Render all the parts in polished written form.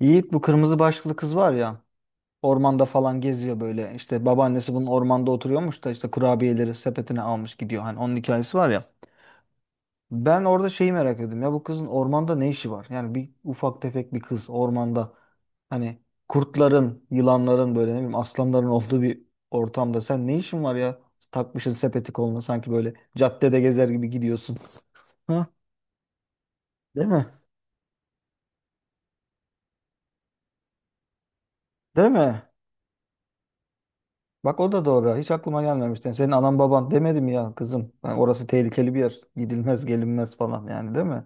Yiğit bu kırmızı başlıklı kız var ya ormanda falan geziyor böyle işte babaannesi bunun ormanda oturuyormuş da işte kurabiyeleri sepetine almış gidiyor hani onun hikayesi var ya. Ben orada şeyi merak ettim ya bu kızın ormanda ne işi var? Yani bir ufak tefek bir kız ormanda hani kurtların, yılanların böyle ne bileyim aslanların olduğu bir ortamda sen ne işin var ya? Takmışsın sepeti koluna sanki böyle caddede gezer gibi gidiyorsun. Ha? Değil mi? Değil mi? Bak o da doğru. Hiç aklıma gelmemişti. Yani senin anan baban demedi mi ya kızım? Yani orası tehlikeli bir yer. Gidilmez, gelinmez falan yani değil mi?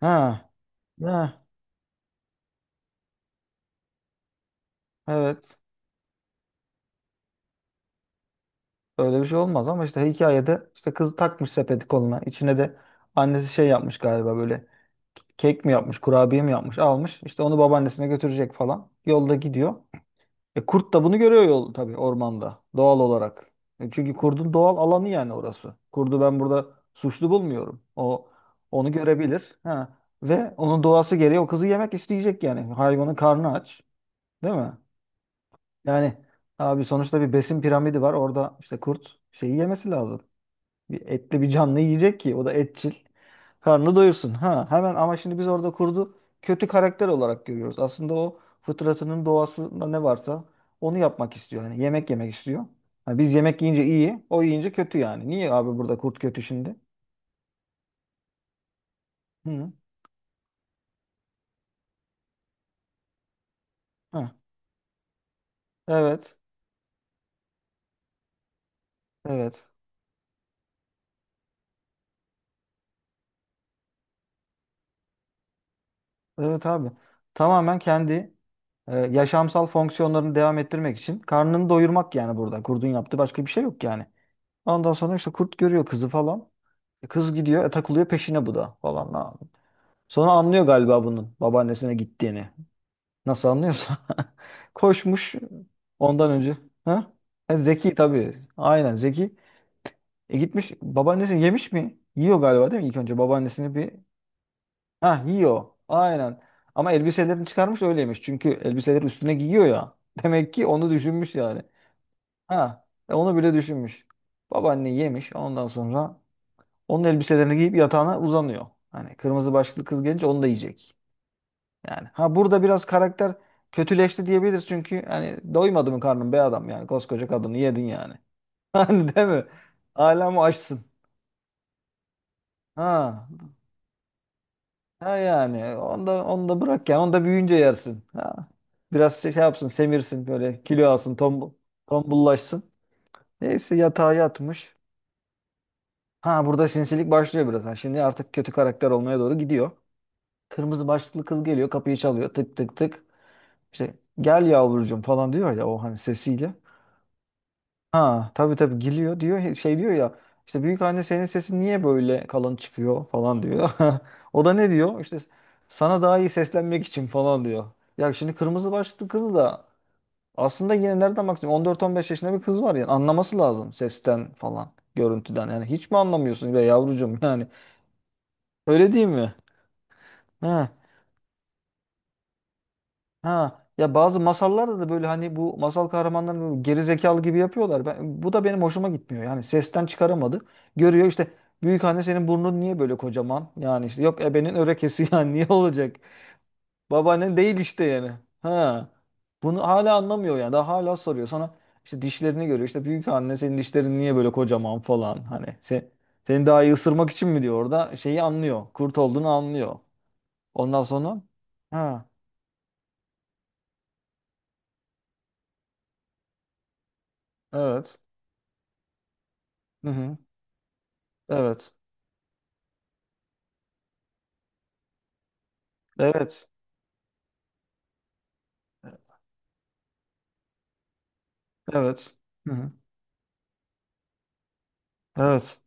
Ha. Ha. Evet. Öyle bir şey olmaz ama işte hikayede işte kız takmış sepeti koluna. İçine de annesi şey yapmış galiba böyle kek mi yapmış, kurabiye mi yapmış, almış. İşte onu babaannesine götürecek falan. Yolda gidiyor. E, kurt da bunu görüyor yol tabii ormanda doğal olarak. E, çünkü kurdun doğal alanı yani orası. Kurdu ben burada suçlu bulmuyorum. O onu görebilir. Ha. Ve onun doğası gereği o kızı yemek isteyecek yani. Hayvanın karnı aç, değil mi? Yani abi sonuçta bir besin piramidi var. Orada işte kurt şeyi yemesi lazım. Bir etli bir canlı yiyecek ki o da etçil. Karnını doyursun. Ha hemen ama şimdi biz orada kurdu kötü karakter olarak görüyoruz. Aslında o fıtratının doğasında ne varsa onu yapmak istiyor. Hani yemek yemek istiyor. Hani biz yemek yiyince iyi, o yiyince kötü yani. Niye abi burada kurt kötü şimdi? Hı. Ha. Evet. Evet. Evet abi. Tamamen kendi yaşamsal fonksiyonlarını devam ettirmek için karnını doyurmak yani burada kurdun yaptığı başka bir şey yok yani. Ondan sonra işte kurt görüyor kızı falan. E, kız gidiyor, takılıyor peşine bu da falan. Ha. Sonra anlıyor galiba bunun babaannesine gittiğini. Nasıl anlıyorsa. Koşmuş ondan önce. Ha? E, zeki tabii. Aynen zeki. E gitmiş babaannesini yemiş mi? Yiyor galiba değil mi ilk önce babaannesini bir... Ha yiyor. Aynen. Ama elbiselerini çıkarmış öyle yemiş. Çünkü elbiseleri üstüne giyiyor ya. Demek ki onu düşünmüş yani. Ha onu bile düşünmüş. Babaanne yemiş ondan sonra onun elbiselerini giyip yatağına uzanıyor. Hani kırmızı başlıklı kız gelince onu da yiyecek. Yani ha burada biraz karakter kötüleşti diyebiliriz çünkü hani doymadı mı karnın be adam yani koskoca kadını yedin yani. Hani değil mi? Hala mı açsın? Ha, ha yani onu da, onu da bırak ya onu da büyüyünce yersin. Ha. Biraz şey yapsın semirsin böyle kilo alsın tombul, tombullaşsın. Neyse yatağa yatmış. Ha burada sinsilik başlıyor biraz. Ha, şimdi artık kötü karakter olmaya doğru gidiyor. Kırmızı başlıklı kız geliyor kapıyı çalıyor tık tık tık. İşte gel yavrucuğum falan diyor ya o hani sesiyle. Ha tabii tabii geliyor diyor şey diyor ya işte büyük anne senin sesin niye böyle kalın çıkıyor falan diyor. O da ne diyor işte sana daha iyi seslenmek için falan diyor. Ya şimdi kırmızı başlıklı kızı da aslında yine nereden bakacağım 14-15 yaşında bir kız var yani anlaması lazım sesten falan görüntüden yani hiç mi anlamıyorsun be yavrucuğum yani öyle değil mi? Ha. Ha ya bazı masallarda da böyle hani bu masal kahramanlarını böyle geri zekalı gibi yapıyorlar. Bu da benim hoşuma gitmiyor. Yani sesten çıkaramadı. Görüyor işte büyük anne senin burnun niye böyle kocaman? Yani işte yok ebenin örekesi yani niye olacak? Babaannen değil işte yani. Ha. Bunu hala anlamıyor yani. Daha hala soruyor sana işte dişlerini görüyor. İşte büyük anne senin dişlerin niye böyle kocaman falan hani sen seni daha iyi ısırmak için mi diyor orada şeyi anlıyor. Kurt olduğunu anlıyor. Ondan sonra ha evet. Hı hı. Evet. Evet. Evet. Hı hı. Evet.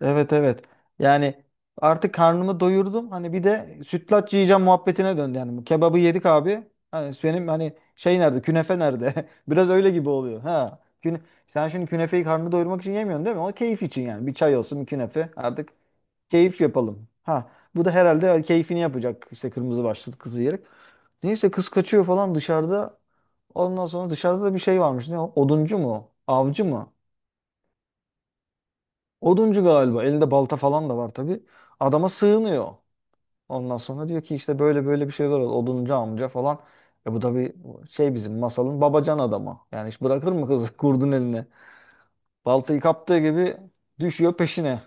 Evet evet. Yani artık karnımı doyurdum. Hani bir de sütlaç yiyeceğim muhabbetine döndü yani. Bu kebabı yedik abi. Hani benim hani şey nerede? Künefe nerede? Biraz öyle gibi oluyor. Ha. Sen şimdi künefeyi karnını doyurmak için yemiyorsun değil mi? O keyif için yani. Bir çay olsun, bir künefe. Artık keyif yapalım. Ha. Bu da herhalde keyfini yapacak. İşte kırmızı başlıklı kızı yiyerek. Neyse kız kaçıyor falan dışarıda. Ondan sonra dışarıda da bir şey varmış. Ne o? Oduncu mu? Avcı mı? Oduncu galiba. Elinde balta falan da var tabii. Adama sığınıyor. Ondan sonra diyor ki işte böyle böyle bir şeyler oldu. Oduncu amca falan. E bu tabii şey bizim masalın babacan adamı. Yani hiç bırakır mı kızı kurdun eline? Baltayı kaptığı gibi düşüyor peşine.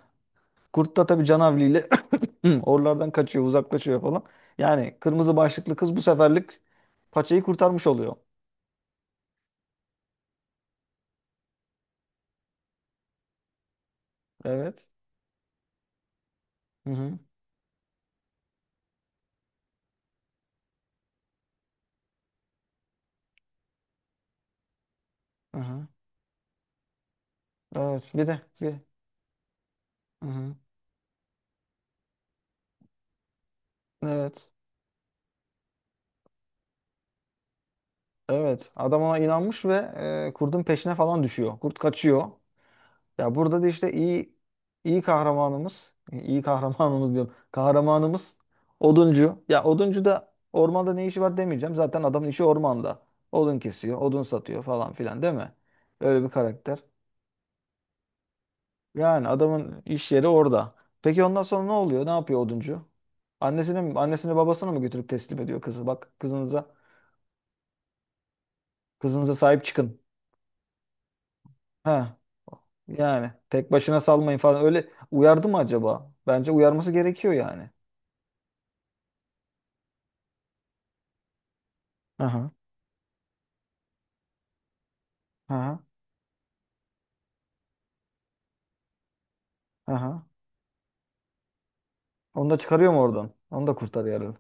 Kurt da tabii canavliyle oralardan kaçıyor, uzaklaşıyor falan. Yani kırmızı başlıklı kız bu seferlik paçayı kurtarmış oluyor. Evet. Hı hı. Hı hı. Evet. Bir de bir. Hı hı. Evet. Evet, adam ona inanmış ve kurdun peşine falan düşüyor. Kurt kaçıyor. Ya burada da işte iyi iyi kahramanımız, iyi kahramanımız diyorum. Kahramanımız oduncu. Ya oduncu da ormanda ne işi var demeyeceğim. Zaten adamın işi ormanda. Odun kesiyor, odun satıyor falan filan değil mi? Öyle bir karakter. Yani adamın iş yeri orada. Peki ondan sonra ne oluyor? Ne yapıyor oduncu? Annesini mi, annesini babasını mı götürüp teslim ediyor kızı? Bak kızınıza, kızınıza sahip çıkın. Ha, yani tek başına salmayın falan öyle uyardı mı acaba? Bence uyarması gerekiyor yani. Aha. Aha. Aha. Onu da çıkarıyor mu oradan? Onu da kurtarıyor herhalde.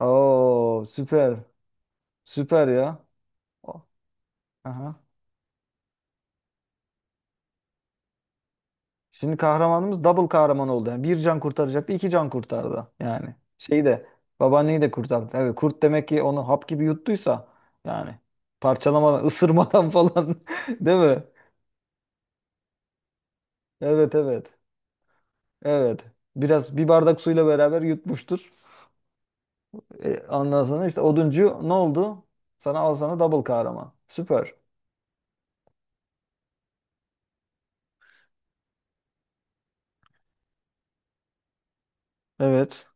Oo, süper. Süper ya. O- Aha. Şimdi kahramanımız double kahraman oldu. Yani bir can kurtaracaktı, iki can kurtardı. Yani şeyi de babaanneyi de kurtardı. Evet, kurt demek ki onu hap gibi yuttuysa yani parçalamadan, ısırmadan falan değil mi? Evet, evet. Evet. Biraz bir bardak suyla beraber yutmuştur. E, ondan sonra işte oduncu ne oldu? Sana al sana double kahraman. Süper. Evet.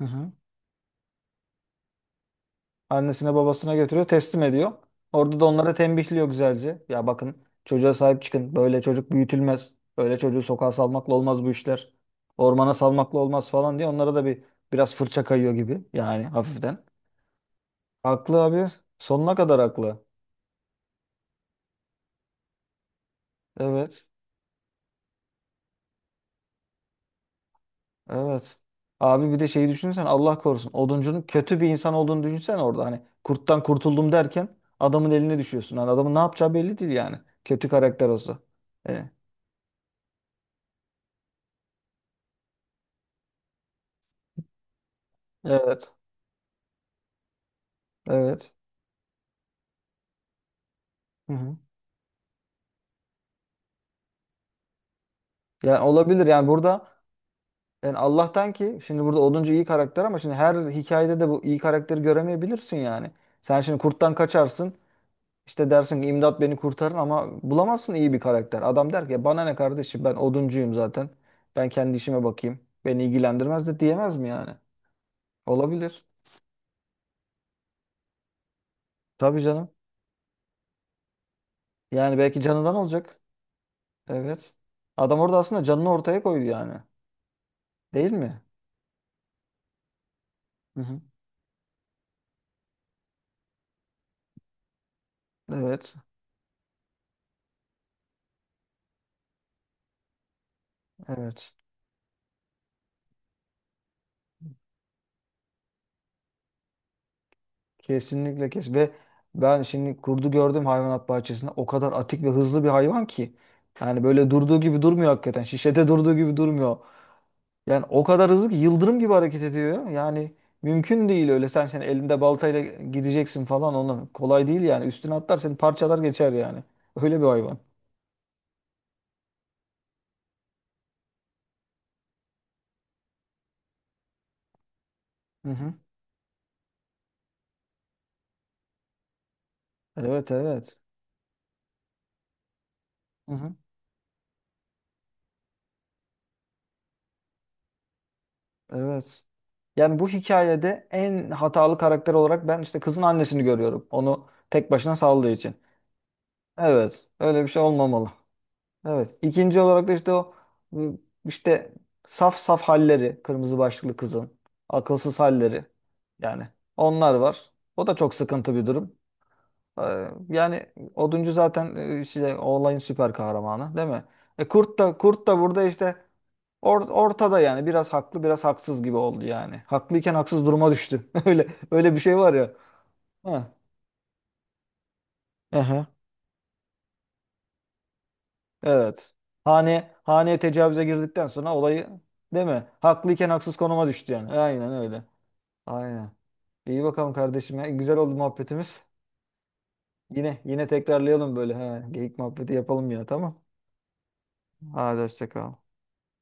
Hı hı. Annesine babasına götürüyor, teslim ediyor. Orada da onlara tembihliyor güzelce. Ya bakın çocuğa sahip çıkın. Böyle çocuk büyütülmez. Böyle çocuğu sokağa salmakla olmaz bu işler. Ormana salmakla olmaz falan diye onlara da bir biraz fırça kayıyor gibi. Yani hafiften. Haklı abi. Sonuna kadar haklı. Evet. Evet. Abi bir de şeyi düşünsen Allah korusun. Oduncunun kötü bir insan olduğunu düşünsen orada hani kurttan kurtuldum derken adamın eline düşüyorsun. Hani adamın ne yapacağı belli değil yani. Kötü karakter olsa. Yani, evet. Evet. Hı hı. Yani olabilir yani burada yani Allah'tan ki şimdi burada oduncu iyi karakter ama şimdi her hikayede de bu iyi karakteri göremeyebilirsin yani. Sen şimdi kurttan kaçarsın. İşte dersin ki imdat beni kurtarın ama bulamazsın iyi bir karakter. Adam der ki bana ne kardeşim ben oduncuyum zaten. Ben kendi işime bakayım. Beni ilgilendirmez de diyemez mi yani? Olabilir. Tabii canım. Yani belki canından olacak. Evet. Adam orada aslında canını ortaya koydu yani. Değil mi? Hı hı. Evet. Evet. Kesinlikle kes. Ve ben şimdi kurdu gördüm hayvanat bahçesinde. O kadar atik ve hızlı bir hayvan ki. Yani böyle durduğu gibi durmuyor hakikaten. Şişede durduğu gibi durmuyor. Yani o kadar hızlı ki yıldırım gibi hareket ediyor. Yani mümkün değil öyle sen şimdi elinde baltayla gideceksin falan onu. Kolay değil yani. Üstüne atlar seni parçalar geçer yani. Öyle bir hayvan. Hı hı. Evet evet. Hı hı. Evet. Yani bu hikayede en hatalı karakter olarak ben işte kızın annesini görüyorum. Onu tek başına saldığı için. Evet. Öyle bir şey olmamalı. Evet. İkinci olarak da işte o ıı, işte saf saf halleri kırmızı başlıklı kızın akılsız halleri yani onlar var. O da çok sıkıntı bir durum. Ee, yani oduncu zaten işte o olayın süper kahramanı değil mi? E kurt da burada işte ortada yani biraz haklı biraz haksız gibi oldu yani. Haklıyken haksız duruma düştü. Öyle öyle bir şey var ya. Ha. Aha. Evet. Hane, haneye tecavüze girdikten sonra olayı değil mi? Haklıyken haksız konuma düştü yani. Aynen öyle. Aynen. İyi bakalım kardeşim ya. Güzel oldu muhabbetimiz. Yine yine tekrarlayalım böyle. Ha, geyik muhabbeti yapalım yine tamam. Hadi hoşça kal.